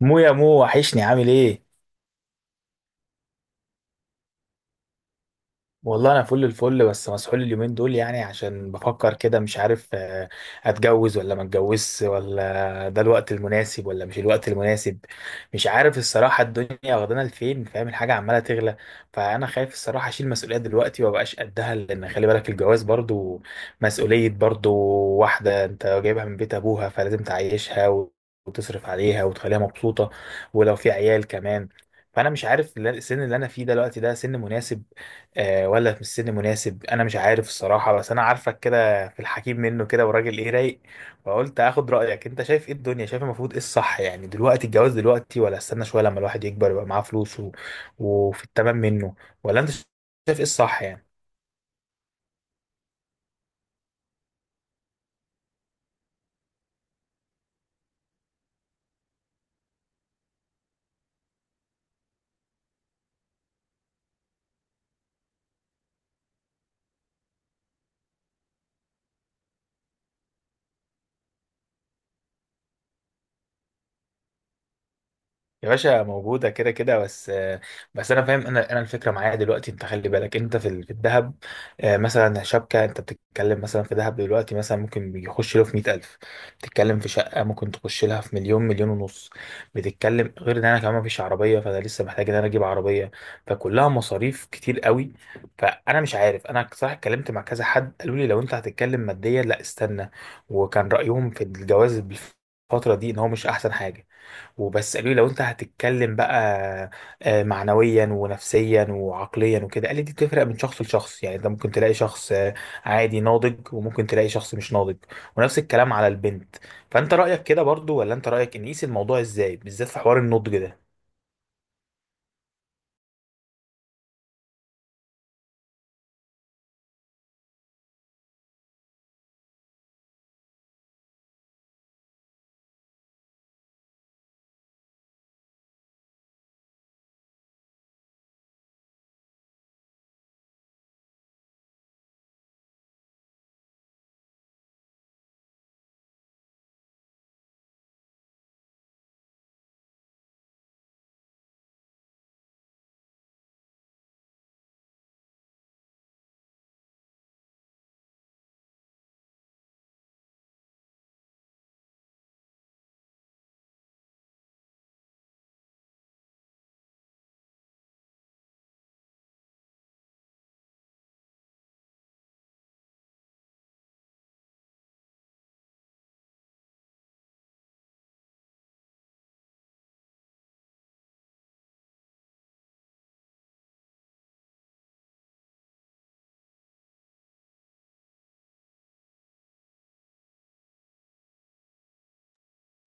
يا مو وحشني، عامل ايه؟ والله انا فل الفل، بس مسحول اليومين دول يعني عشان بفكر كده مش عارف اتجوز ولا ما اتجوزش، ولا ده الوقت المناسب ولا مش الوقت المناسب. مش عارف الصراحة، الدنيا واخدانا لفين، فاهم الحاجة عمالة تغلى. فانا خايف الصراحة اشيل مسؤولية دلوقتي ومبقاش قدها، لان خلي بالك الجواز برضو مسؤولية. برضو واحدة انت جايبها من بيت ابوها فلازم تعيشها وتصرف عليها وتخليها مبسوطة، ولو في عيال كمان. فانا مش عارف، السن اللي انا فيه دلوقتي ده سن مناسب ولا في السن مناسب. انا مش عارف الصراحه، بس انا عارفك كده في الحكيم منه كده وراجل ايه رايق. فقلت اخد رايك، انت شايف ايه الدنيا؟ شايف المفروض ايه الصح يعني؟ دلوقتي الجواز دلوقتي ولا استنى شويه لما الواحد يكبر يبقى معاه فلوس وفي التمام منه، ولا انت شايف ايه الصح يعني؟ يا باشا، موجودة كده كده. بس أنا فاهم، أنا الفكرة معايا دلوقتي، أنت خلي بالك أنت في في الذهب. مثلا شبكة، أنت بتتكلم مثلا في ذهب دلوقتي مثلا ممكن يخش له في مية ألف. بتتكلم في شقة ممكن تخش لها في مليون، مليون ونص. بتتكلم غير إن أنا كمان مفيش عربية، فأنا لسه محتاج إن أنا أجيب عربية. فكلها مصاريف كتير قوي. فأنا مش عارف، أنا صراحة اتكلمت مع كذا حد قالوا لي لو أنت هتتكلم ماديا، لا استنى. وكان رأيهم في الجواز بالفترة دي إن هو مش أحسن حاجة. وبس قالوا لي لو انت هتتكلم بقى معنويا ونفسيا وعقليا وكده، قال لي دي بتفرق من شخص لشخص. يعني انت ممكن تلاقي شخص عادي ناضج، وممكن تلاقي شخص مش ناضج، ونفس الكلام على البنت. فانت رأيك كده برضو، ولا انت رأيك ان نقيس الموضوع ازاي بالذات في حوار النضج ده؟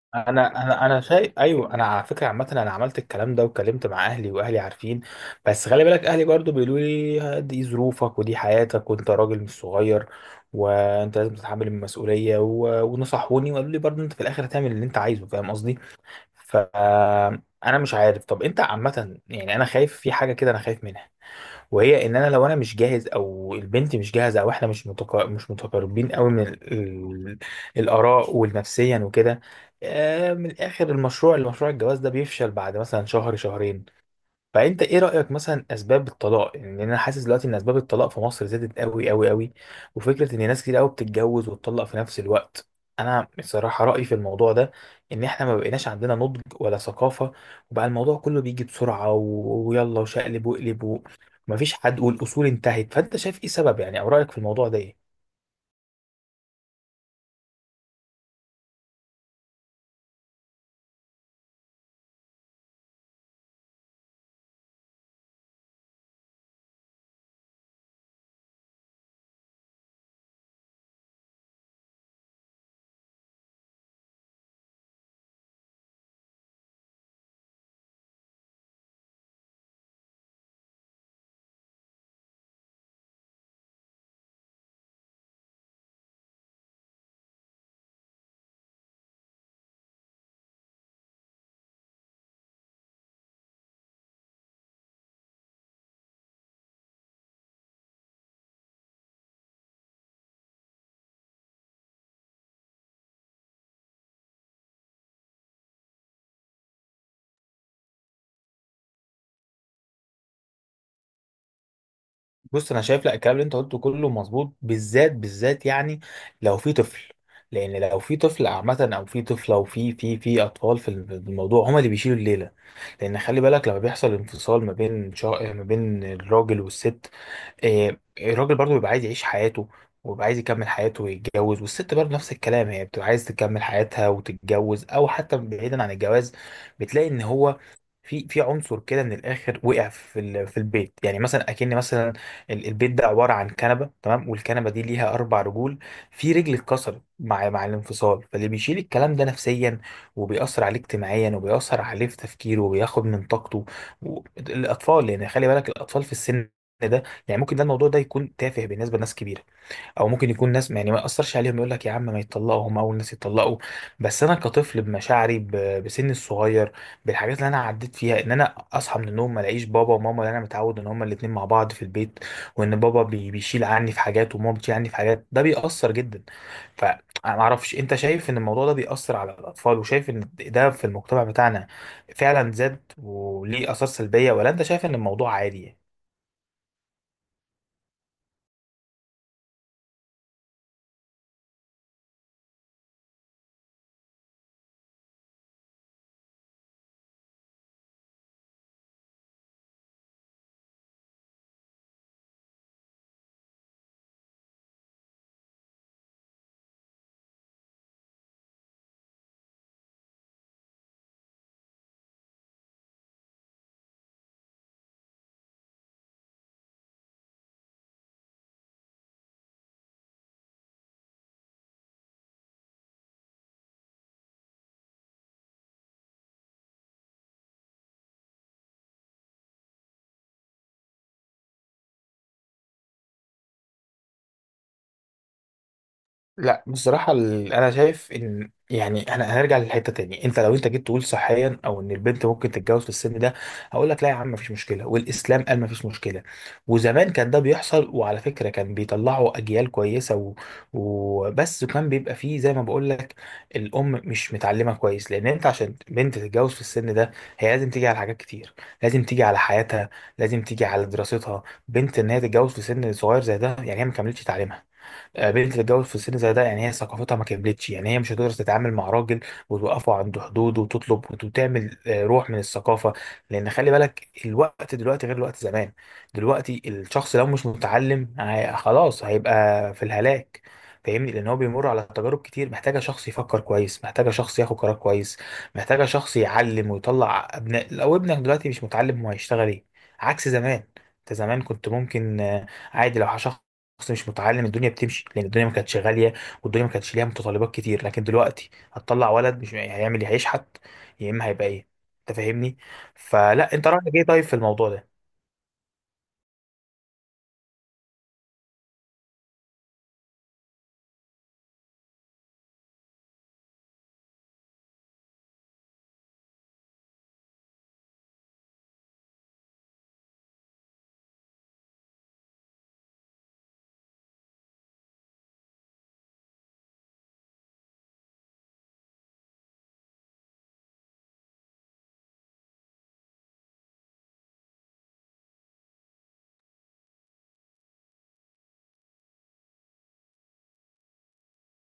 انا شايف، ايوه، انا على فكره عامه انا عملت الكلام ده واتكلمت مع اهلي واهلي عارفين. بس خلي بالك اهلي برضو بيقولوا لي دي ظروفك ودي حياتك وانت راجل مش صغير، وانت لازم تتحمل المسؤوليه ونصحوني وقالوا لي برضو انت في الاخر هتعمل اللي انت عايزه، فاهم قصدي. فانا مش عارف، طب انت عامه يعني انا خايف في حاجه كده، انا خايف منها. وهي ان انا لو انا مش جاهز او البنت مش جاهزه او احنا مش متقاربين قوي من الاراء والنفسيا وكده. من الاخر، المشروع الجواز ده بيفشل بعد مثلا شهر شهرين. فانت ايه رايك مثلا اسباب الطلاق؟ يعني لأن انا حاسس دلوقتي ان اسباب الطلاق في مصر زادت قوي قوي قوي. وفكره ان ناس كتير قوي بتتجوز وتطلق في نفس الوقت. انا بصراحه رايي في الموضوع ده ان احنا ما بقيناش عندنا نضج ولا ثقافه، وبقى الموضوع كله بيجي بسرعه ويلا وشقلب وقلب ومفيش حد، والاصول انتهت. فانت شايف ايه سبب يعني، او رايك في الموضوع ده ايه؟ بص، انا شايف لا، الكلام اللي انت قلته كله مظبوط، بالذات بالذات يعني لو في طفل. لان لو في طفل عامه، او في طفله، او في اطفال في الموضوع، هما اللي بيشيلوا الليله. لان خلي بالك لما بيحصل انفصال ما بين الراجل والست. الراجل برضه بيبقى عايز يعيش حياته، وبيبقى عايز يكمل حياته ويتجوز، والست برضه نفس الكلام هي بتبقى عايز تكمل حياتها وتتجوز، او حتى بعيدا عن الجواز. بتلاقي ان هو في عنصر كده من الاخر وقع في في البيت، يعني مثلا اكن مثلا البيت ده عباره عن كنبه، تمام، والكنبه دي ليها اربع رجول، في رجل اتكسرت مع الانفصال، فاللي بيشيل الكلام ده نفسيا، وبيأثر عليه اجتماعيا، وبيأثر عليه في تفكيره، وبياخد من طاقته الاطفال، يعني خلي بالك الاطفال في السن ده. يعني ممكن ده الموضوع ده يكون تافه بالنسبه لناس كبيره، او ممكن يكون ناس يعني ما ياثرش عليهم، يقول لك يا عم ما يتطلقوا، هم اول ناس يتطلقوا. بس انا كطفل، بمشاعري، بسني الصغير، بالحاجات اللي انا عديت فيها، ان انا اصحى من النوم ما الاقيش بابا وماما، اللي انا متعود ان هما الاتنين مع بعض في البيت. وان بابا بيشيل عني في حاجات، وماما بتشيل عني في حاجات، ده بيأثر جدا. فانا ما اعرفش، انت شايف ان الموضوع ده بيأثر على الاطفال، وشايف ان ده في المجتمع بتاعنا فعلا زاد وليه آثار سلبية، ولا انت شايف ان الموضوع عادي يعني؟ لا بصراحة أنا شايف إن يعني أنا هنرجع للحتة تاني. أنت لو أنت جيت تقول صحيا أو إن البنت ممكن تتجوز في السن ده، هقول لك لا يا عم مفيش مشكلة، والإسلام قال مفيش مشكلة، وزمان كان ده بيحصل، وعلى فكرة كان بيطلعوا أجيال كويسة وبس كان بيبقى فيه زي ما بقول لك، الأم مش متعلمة كويس. لأن أنت عشان بنت تتجوز في السن ده هي لازم تيجي على حاجات كتير، لازم تيجي على حياتها، لازم تيجي على دراستها. بنت إن هي تتجوز في سن صغير زي ده يعني هي ما كملتش تعليمها، قابلت تتجوز في السن زي ده يعني هي ثقافتها ما كملتش، يعني هي مش هتقدر تتعامل مع راجل وتوقفه عند حدوده وتطلب وتعمل روح من الثقافه. لان خلي بالك الوقت دلوقتي غير الوقت زمان، دلوقتي الشخص لو مش متعلم خلاص هيبقى في الهلاك، فاهمني. لان هو بيمر على تجارب كتير، محتاجه شخص يفكر كويس، محتاجه شخص ياخد قرار كويس، محتاجه شخص يعلم ويطلع ابناء. لو ابنك دلوقتي مش متعلم هو هيشتغل ايه؟ عكس زمان، انت زمان كنت ممكن عادي لو شخص مش متعلم الدنيا بتمشي، لان الدنيا ما كانتش غاليه، والدنيا ما كانتش ليها متطلبات كتير. لكن دلوقتي هتطلع ولد مش هيعمل إيه؟ هيشحت، يا اما هيبقى ايه، انت فاهمني. فلا انت رايك ايه طيب في الموضوع ده؟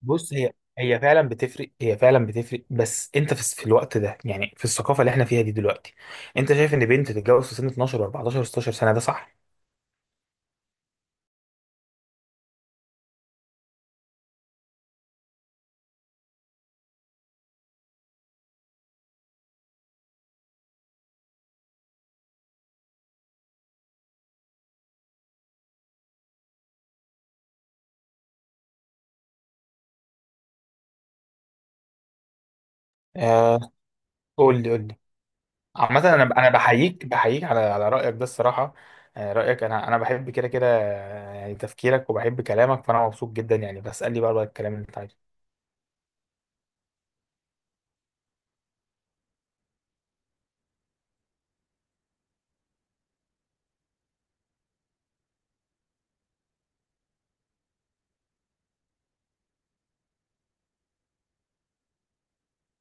بص، هي فعلا بتفرق، بس انت في الوقت ده يعني في الثقافه اللي احنا فيها دي دلوقتي، انت شايف ان بنت تتجوز في سن 12 و14 و16 سنه ده صح؟ آه، قول لي قول لي. عامة، انا بحييك بحييك على رأيك ده الصراحة، رأيك، انا بحب كده كده، يعني تفكيرك، وبحب كلامك، فانا مبسوط جدا، يعني بسألني بقى الكلام اللي انت عايزه.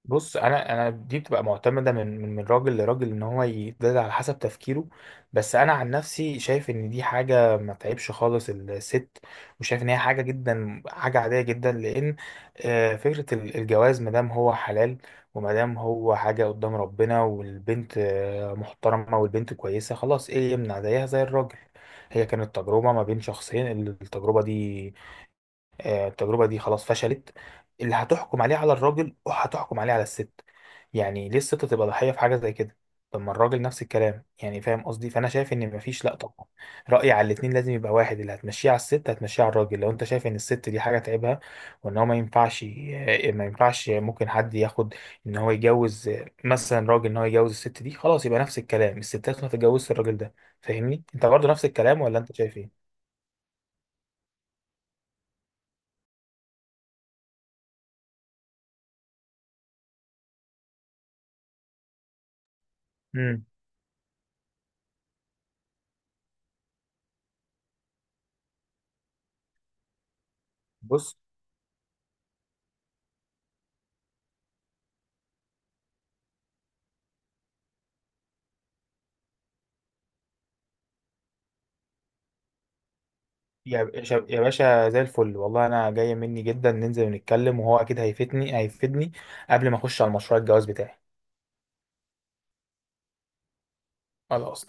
بص، انا دي بتبقى معتمده من راجل لراجل، ان هو يتداد على حسب تفكيره. بس انا عن نفسي شايف ان دي حاجه ما تعيبش خالص الست، وشايف ان هي حاجه جدا حاجه عاديه جدا، لان فكره الجواز ما دام هو حلال، وما دام هو حاجه قدام ربنا، والبنت محترمه، والبنت كويسه خلاص، ايه يمنع، زيها زي الراجل. هي كانت تجربه ما بين شخصين. التجربه دي آه، التجربة دي خلاص فشلت، اللي هتحكم عليه على الراجل، وهتحكم عليه على الست. يعني ليه الست تبقى ضحية في حاجة زي كده؟ طب ما الراجل نفس الكلام يعني، فاهم قصدي. فأنا شايف إن مفيش، لأ طبعا. رأيي على الاتنين لازم يبقى واحد، اللي هتمشيه على الست هتمشيه على الراجل. لو أنت شايف إن الست دي حاجة تعبها، وإن هو ما ينفعش، ممكن حد ياخد إن هو يجوز مثلا راجل إن هو يجوز الست دي خلاص، يبقى نفس الكلام الستات ما تتجوزش الراجل ده. فاهمني، أنت برضه نفس الكلام ولا أنت شايف إيه؟ مم. بص، يا باشا يا باشا زي الفل، والله انا جايه مني جدا، ننزل ونتكلم وهو اكيد هيفيدني هيفيدني، قبل ما اخش على مشروع الجواز بتاعي. خلاص تمام.